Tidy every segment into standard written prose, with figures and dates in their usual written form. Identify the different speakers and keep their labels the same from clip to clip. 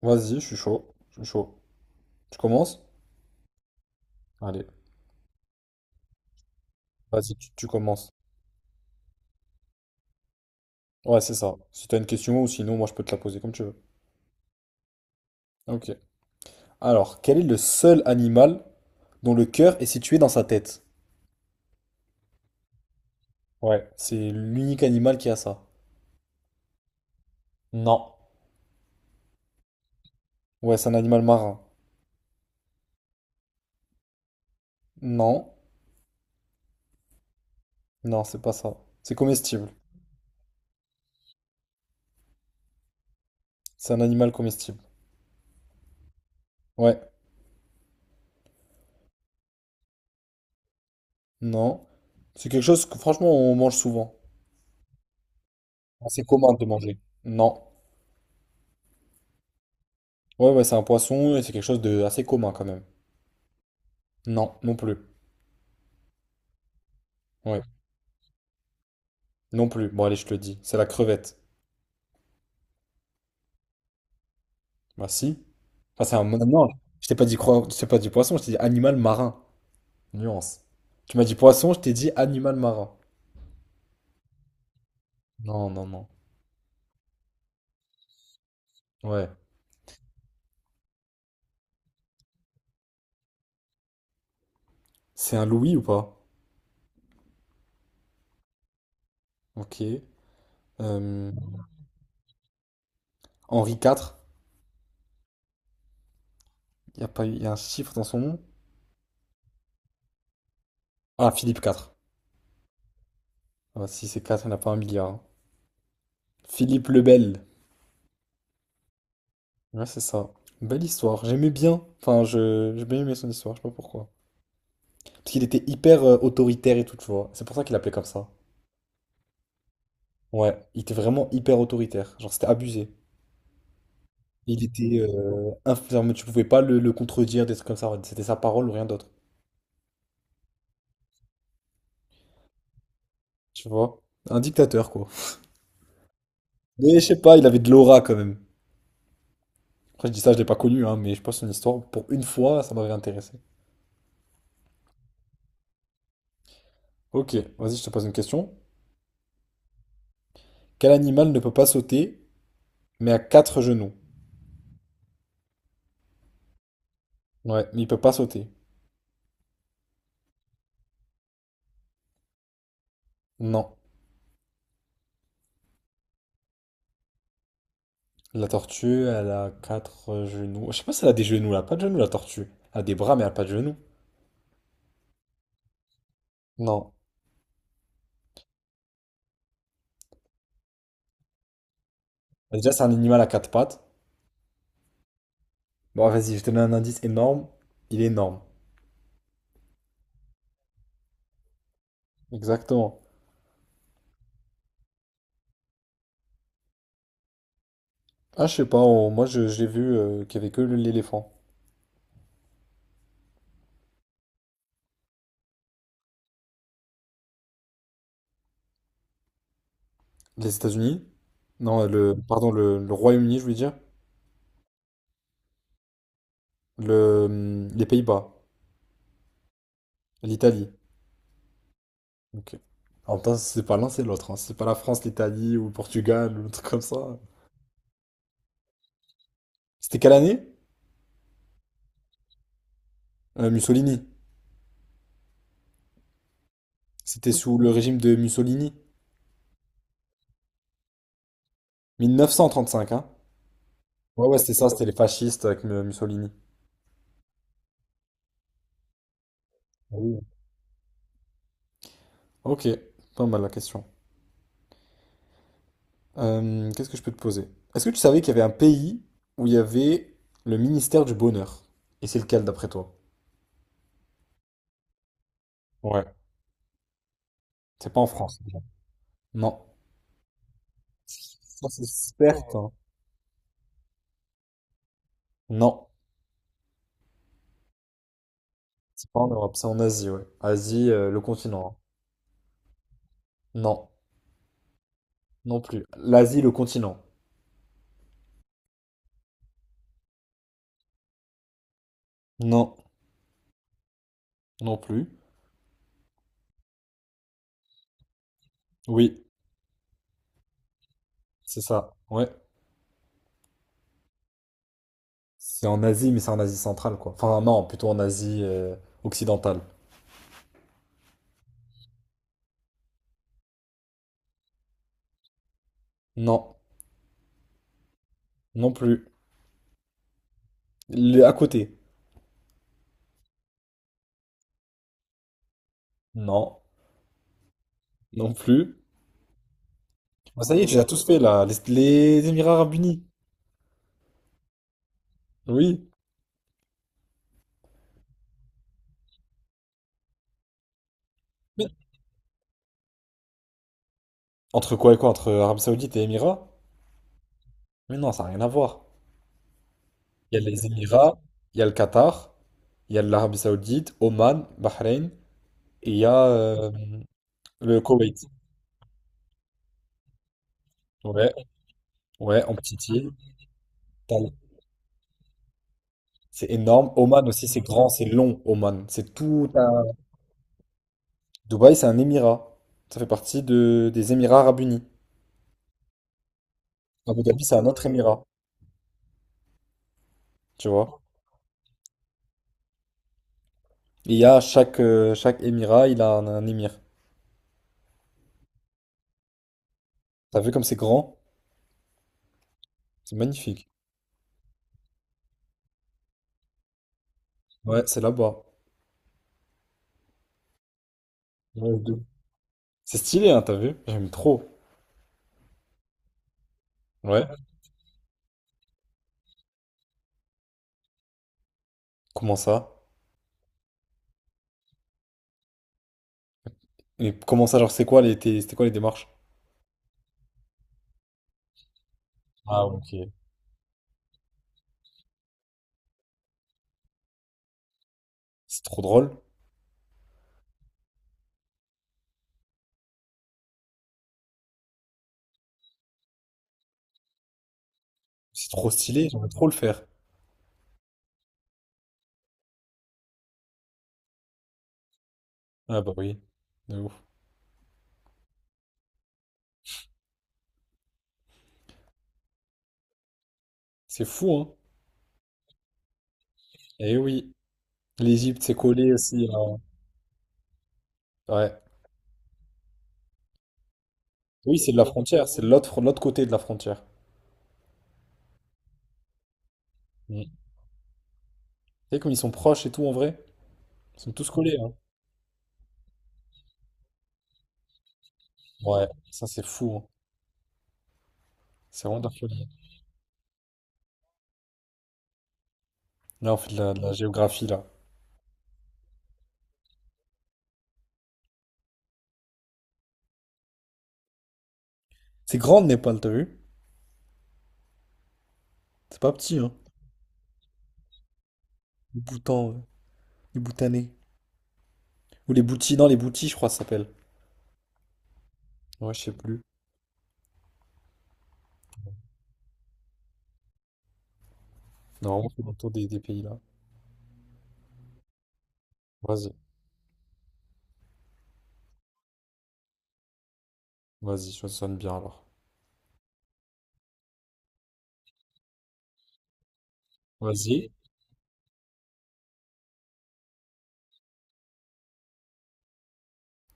Speaker 1: Vas-y, je suis chaud. Je suis chaud. Tu commences? Allez, vas-y, tu commences. Ouais, c'est ça. Si t'as une question ou sinon, moi, je peux te la poser comme tu veux. Ok. Alors, quel est le seul animal dont le cœur est situé dans sa tête? Ouais, c'est l'unique animal qui a ça. Non. Ouais, c'est un animal marin. Non. Non, c'est pas ça. C'est comestible. C'est un animal comestible. Ouais. Non. C'est quelque chose que, franchement, on mange souvent. Assez commun de manger. Non. Ouais, ouais, c'est un poisson et c'est quelque chose de assez commun quand même. Non, non plus. Ouais, non plus. Bon, allez, je te le dis. C'est la crevette. Bah, si. Enfin c'est un non, je t'ai pas dit cro. Je t'ai pas dit poisson, je t'ai dit animal marin. Nuance. Tu m'as dit poisson, je t'ai dit animal marin. Non, non, non. Ouais. C'est un Louis ou pas? Ok. Euh, Henri IV. Il y a pas eu... y a un chiffre dans son nom? Ah, Philippe IV. Ah, si c'est 4, il n'y en a pas un milliard, hein. Philippe le Bel. Ouais, c'est ça. Belle histoire. J'aimais bien. Enfin, j'ai bien aimé son histoire, je sais pas pourquoi. Parce qu'il était hyper autoritaire et tout, tu vois. C'est pour ça qu'il l'appelait comme ça. Ouais, il était vraiment hyper autoritaire. Genre, c'était abusé. Il était genre, mais tu pouvais pas le contredire, des trucs comme ça. C'était sa parole ou rien d'autre. Tu vois? Un dictateur, quoi. Mais je sais pas, il avait de l'aura quand même. Après, je dis ça, je l'ai pas connu, hein, mais je pense que son histoire, pour une fois, ça m'avait intéressé. Ok, vas-y, je te pose une question. Quel animal ne peut pas sauter, mais a quatre genoux? Ouais, mais il peut pas sauter. Non. La tortue, elle a quatre genoux. Je sais pas si elle a des genoux, elle a pas de genoux, la tortue. Elle a des bras, mais elle a pas de genoux. Non. Déjà, c'est un animal à quatre pattes. Bon, vas-y, je te donne un indice énorme. Il est énorme. Exactement. Ah, je sais pas, moi je l'ai vu qu'il y avait que l'éléphant. Les États-Unis? Non, le, pardon, le Royaume-Uni, je veux dire. Les Pays-Bas. L'Italie. Ok. En même temps, c'est pas l'un, c'est l'autre, hein. C'est pas la France, l'Italie ou le Portugal ou un truc comme ça. C'était quelle année? Mussolini. C'était sous le régime de Mussolini. 1935, hein? Ouais, ouais, c'était ça, c'était les fascistes avec Mussolini. Ah oui. Ok, pas mal la question. Qu'est-ce que je peux te poser? Est-ce que tu savais qu'il y avait un pays où il y avait le ministère du Bonheur? Et c'est lequel d'après toi? Ouais, c'est pas en France, déjà. Non. Ça, c'est certain. Non. C'est pas en Europe, c'est en Asie, ouais. Asie, le continent. Hein. Non. Non plus. L'Asie, le continent. Non. Non plus. Oui, c'est ça. Ouais. C'est en Asie, mais c'est en Asie centrale, quoi. Enfin, non, plutôt en Asie, occidentale. Non. Non plus. À côté. Non. Non plus. Bah, ça y est, tu l'as tous fait là, les Émirats Arabes Unis. Oui. Mais entre quoi et quoi? Entre Arabie Saoudite et Émirats? Mais non, ça n'a rien à voir. Il y a les Émirats, il y a le Qatar, il y a l'Arabie Saoudite, Oman, Bahreïn, et il y a le Koweït. Ouais, ouais, en petite île. T'as- C'est énorme. Oman aussi, c'est grand, c'est long, Oman. C'est tout un... Dubaï, c'est un Émirat. Ça fait partie des Émirats Arabes Unis. Abu Dhabi, c'est un autre Émirat, tu vois. Et il y a chaque Émirat, il a un émir. T'as vu comme c'est grand? C'est magnifique. Ouais, c'est là-bas. Ouais, de ouf. C'est stylé, hein, t'as vu? J'aime trop. Ouais. Comment ça? Et comment ça, genre, c'est quoi c'était quoi les démarches? Ah, ok. C'est trop drôle. C'est trop stylé, j'aimerais trop le faire. Ah bah oui. De ouf. C'est fou, hein? Eh oui. L'Égypte, c'est collé aussi. Ouais. Oui, c'est de la frontière. C'est de l'autre côté de la frontière. Mm. Tu sais, comme ils sont proches et tout, en vrai. Ils sont tous collés, hein. Ouais, ça, c'est fou, hein. C'est vraiment de la folie. Là, on fait de la géographie, là. C'est grande le Népal, t'as vu? C'est pas petit, hein. Les Bhoutan, euh, les Bhoutanais. Ou les Bhoutis, non, les Bhoutis, je crois, ça s'appelle. Ouais, je sais plus. Normalement, c'est dans le tour des pays là. Vas-y, vas-y, ça sonne bien alors. Vas-y.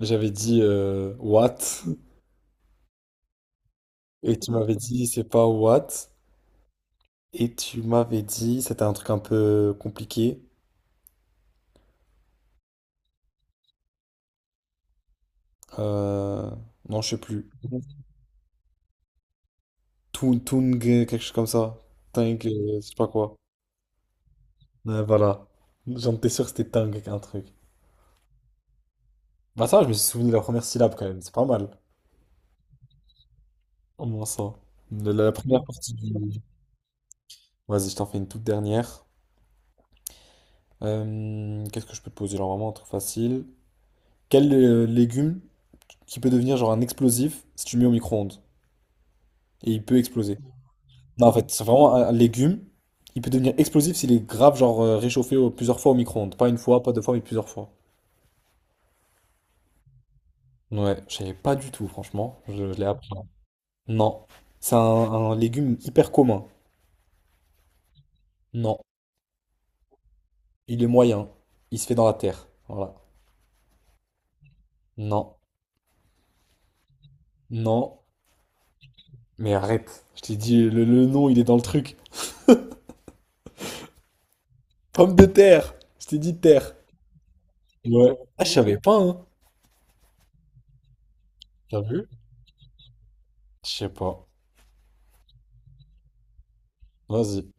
Speaker 1: J'avais dit what, et tu m'avais dit c'est pas what, et tu m'avais dit c'était un truc un peu compliqué. Euh, non, je sais plus. Tung, Tung, quelque chose comme ça. Tung, je sais pas quoi. Ouais, voilà. J'en étais sûr que c'était Tung, un truc. Bah ça, je me suis souvenu de la première syllabe quand même, c'est pas mal. Au moins ça. La première partie du... Vas-y, je t'en fais une toute dernière. Qu'est-ce que je peux te poser? Genre vraiment un truc facile. Quel légume qui peut devenir genre un explosif si tu le mets au micro-ondes? Et il peut exploser. Non, en fait, c'est vraiment un légume. Il peut devenir explosif s'il est grave genre réchauffé plusieurs fois au micro-ondes. Pas une fois, pas deux fois, mais plusieurs fois. Ouais, je savais pas du tout, franchement. Je l'ai appris. Non. C'est un légume hyper commun. Non. Il est moyen. Il se fait dans la terre. Voilà. Non. Non. Mais arrête. Je t'ai dit, le nom, il est dans le truc. Pomme de terre. Je t'ai dit terre. Ouais. Ah, je savais pas, hein. T'as vu? Je sais pas. Vas-y.